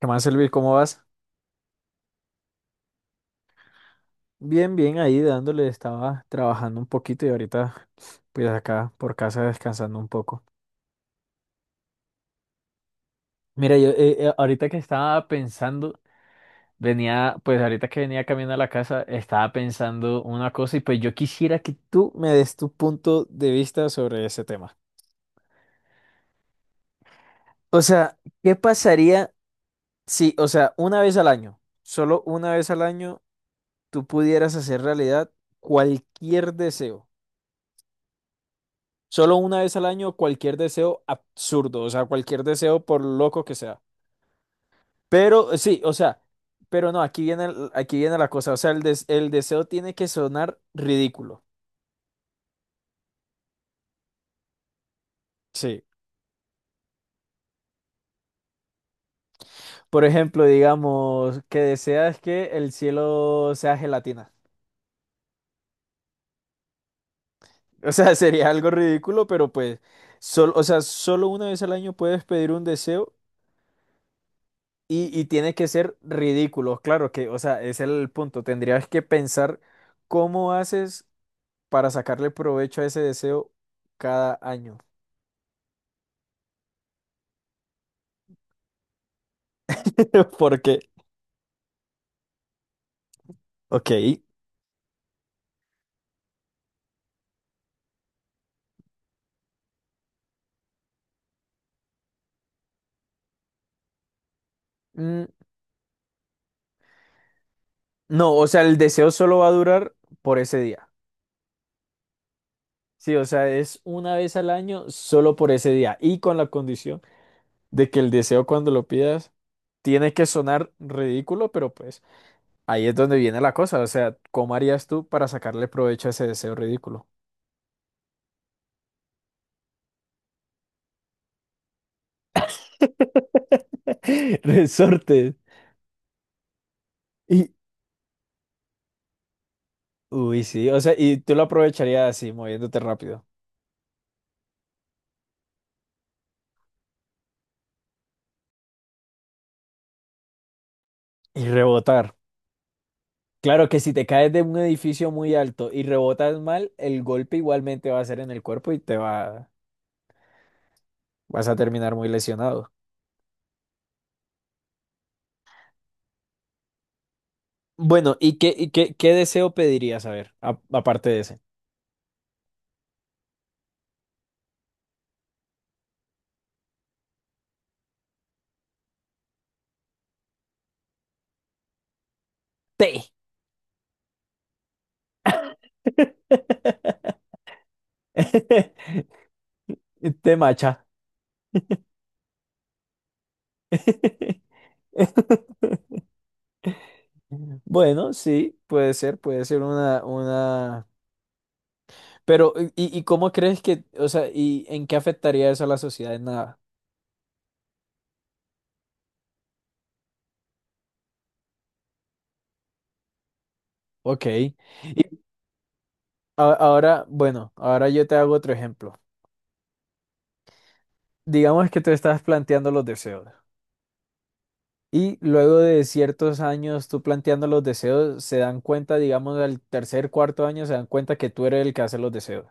¿Qué más, Elvis? ¿Cómo vas? Bien, bien, ahí dándole, estaba trabajando un poquito y ahorita pues acá por casa descansando un poco. Mira, yo ahorita que estaba pensando, venía, pues ahorita que venía caminando a la casa, estaba pensando una cosa y pues yo quisiera que tú me des tu punto de vista sobre ese tema. O sea, ¿qué pasaría si, o sea, una vez al año, solo una vez al año, tú pudieras hacer realidad cualquier deseo? Solo una vez al año cualquier deseo absurdo, o sea, cualquier deseo por loco que sea. Pero sí, o sea, pero no, aquí viene, aquí viene la cosa, o sea, el, el deseo tiene que sonar ridículo. Sí. Por ejemplo, digamos, que deseas que el cielo sea gelatina. O sea, sería algo ridículo, pero pues, o sea, solo una vez al año puedes pedir un deseo y tiene que ser ridículo. Claro que, o sea, ese es el punto. Tendrías que pensar cómo haces para sacarle provecho a ese deseo cada año. Porque, ok. Mm, no, o sea, el deseo solo va a durar por ese día. Sí, o sea, es una vez al año solo por ese día y con la condición de que el deseo cuando lo pidas tiene que sonar ridículo, pero pues ahí es donde viene la cosa. O sea, ¿cómo harías tú para sacarle provecho a ese deseo ridículo? Resortes. Y, uy, sí, o sea, y tú lo aprovecharías así, moviéndote rápido y rebotar. Claro que si te caes de un edificio muy alto y rebotas mal, el golpe igualmente va a ser en el cuerpo y te va, vas a terminar muy lesionado. Bueno, y qué, qué deseo pedirías? A ver, aparte de ese. Té. Té macha. Bueno, sí, puede ser una, una. Pero, y cómo crees que, o sea, y en qué afectaría eso a la sociedad? En nada. Ok. Y ahora, bueno, ahora yo te hago otro ejemplo. Digamos que tú estás planteando los deseos y luego de ciertos años tú planteando los deseos se dan cuenta, digamos, al tercer, cuarto año se dan cuenta que tú eres el que hace los deseos.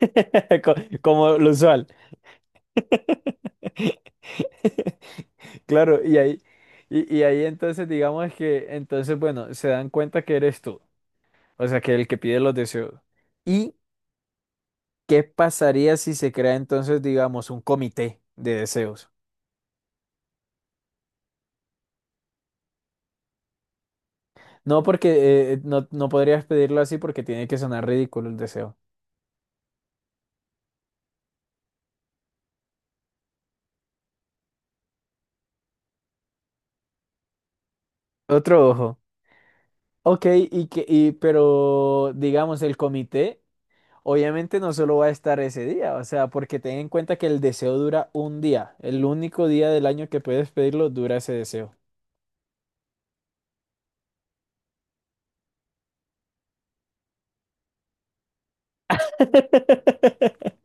Co- Como lo usual. Claro, y ahí, y ahí entonces digamos que, entonces, bueno, se dan cuenta que eres tú, o sea, que el que pide los deseos. ¿Y qué pasaría si se crea entonces, digamos, un comité de deseos? No, porque no, no podrías pedirlo así porque tiene que sonar ridículo el deseo. Otro ojo. Ok, y que, y, pero digamos, el comité obviamente no solo va a estar ese día, o sea, porque ten en cuenta que el deseo dura un día. El único día del año que puedes pedirlo dura ese deseo.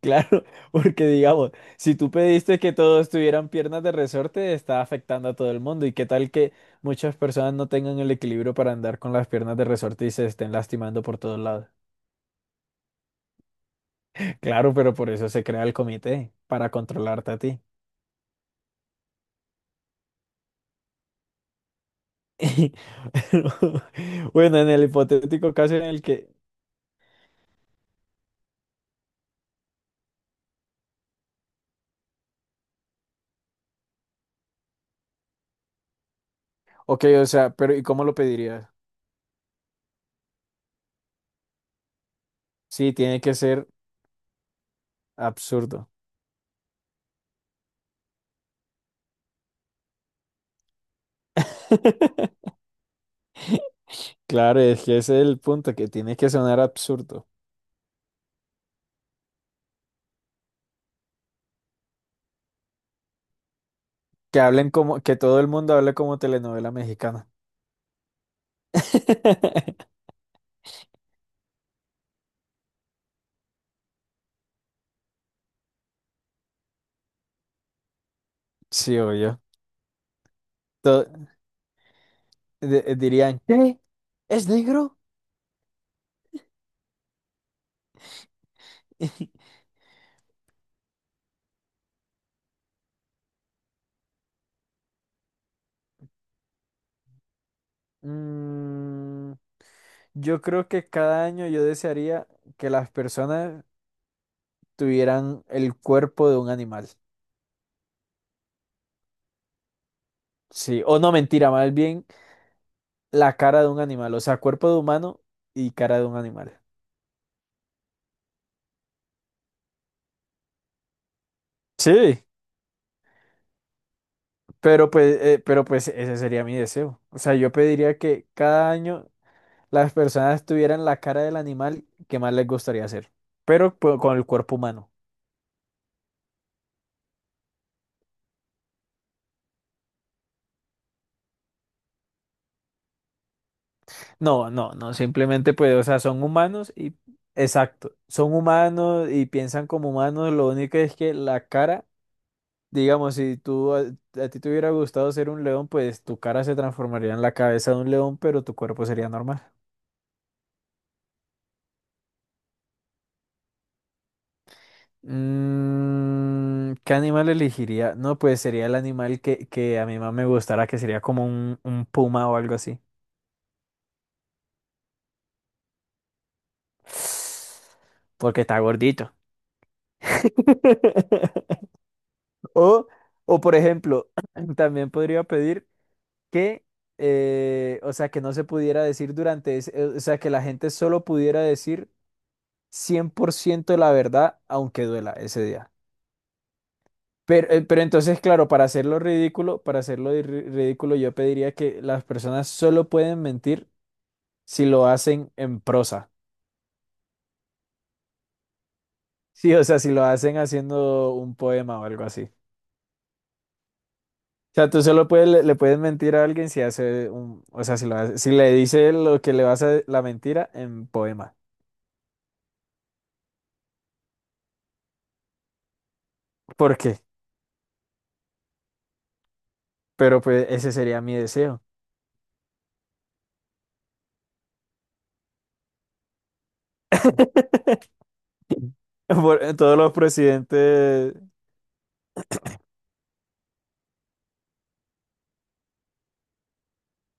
Claro, porque digamos, si tú pediste que todos tuvieran piernas de resorte, está afectando a todo el mundo. ¿Y qué tal que muchas personas no tengan el equilibrio para andar con las piernas de resorte y se estén lastimando por todos lados? Claro, pero por eso se crea el comité, para controlarte a ti. Bueno, en el hipotético caso en el que, ok, o sea, pero ¿y cómo lo pedirías? Sí, tiene que ser absurdo. Claro, es que ese es el punto, que tiene que sonar absurdo. Que hablen como, que todo el mundo hable como telenovela mexicana. Sí, obvio. To- dirían, ¿qué? ¿Es negro? Mm, yo creo que cada año yo desearía que las personas tuvieran el cuerpo de un animal. Sí, o no mentira, más bien la cara de un animal, o sea, cuerpo de humano y cara de un animal. Sí, pero pues ese sería mi deseo. O sea, yo pediría que cada año las personas tuvieran la cara del animal que más les gustaría hacer, pero pues, con el cuerpo humano. No, no, no, simplemente pues, o sea, son humanos y, exacto, son humanos y piensan como humanos, lo único es que la cara, digamos, si tú, a ti te hubiera gustado ser un león, pues tu cara se transformaría en la cabeza de un león, pero tu cuerpo sería normal. Mm, ¿qué animal elegiría? No, pues sería el animal que a mí más me gustara, que sería como un puma o algo así. Porque está gordito. O, o por ejemplo, también podría pedir que, o sea, que no se pudiera decir durante ese, o sea, que la gente solo pudiera decir 100% la verdad, aunque duela ese día. Pero entonces, claro, para hacerlo ridículo, para hacerlo de ridículo, yo pediría que las personas solo pueden mentir si lo hacen en prosa. Sí, o sea, si lo hacen haciendo un poema o algo así. Sea, tú solo puedes, le puedes mentir a alguien si hace un, o sea, si le dice lo que le vas a la mentira en poema. ¿Por qué? Pero pues ese sería mi deseo. Por- todos los presidentes,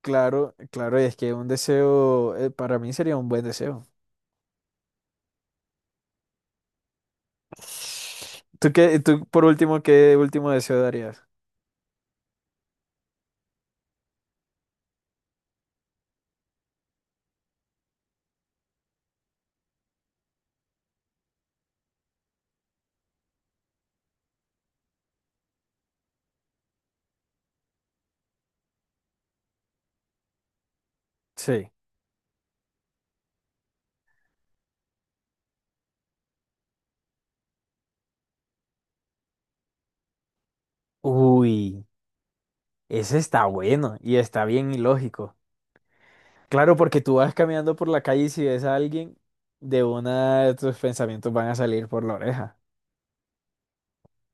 claro, claro, y es que un deseo, para mí sería un buen deseo. ¿Tú qué, tú por último, qué último deseo darías? Sí. Uy, ese está bueno y está bien ilógico. Claro, porque tú vas caminando por la calle y si ves a alguien, de una de tus pensamientos van a salir por la oreja.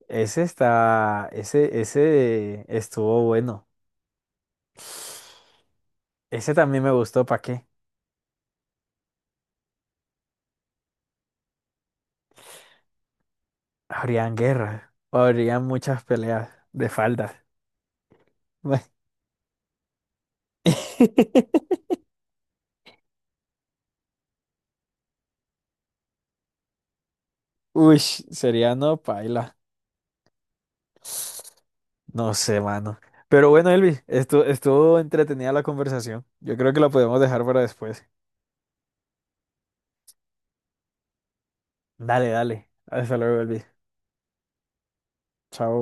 Ese está, ese estuvo bueno. Ese también me gustó, ¿para qué? Habrían guerras, o habrían muchas peleas de faldas. Uy, sería no paila. No sé, mano. Pero bueno, Elvis, estuvo entretenida la conversación. Yo creo que la podemos dejar para después. Dale, dale. Hasta luego, Elvis. Chao.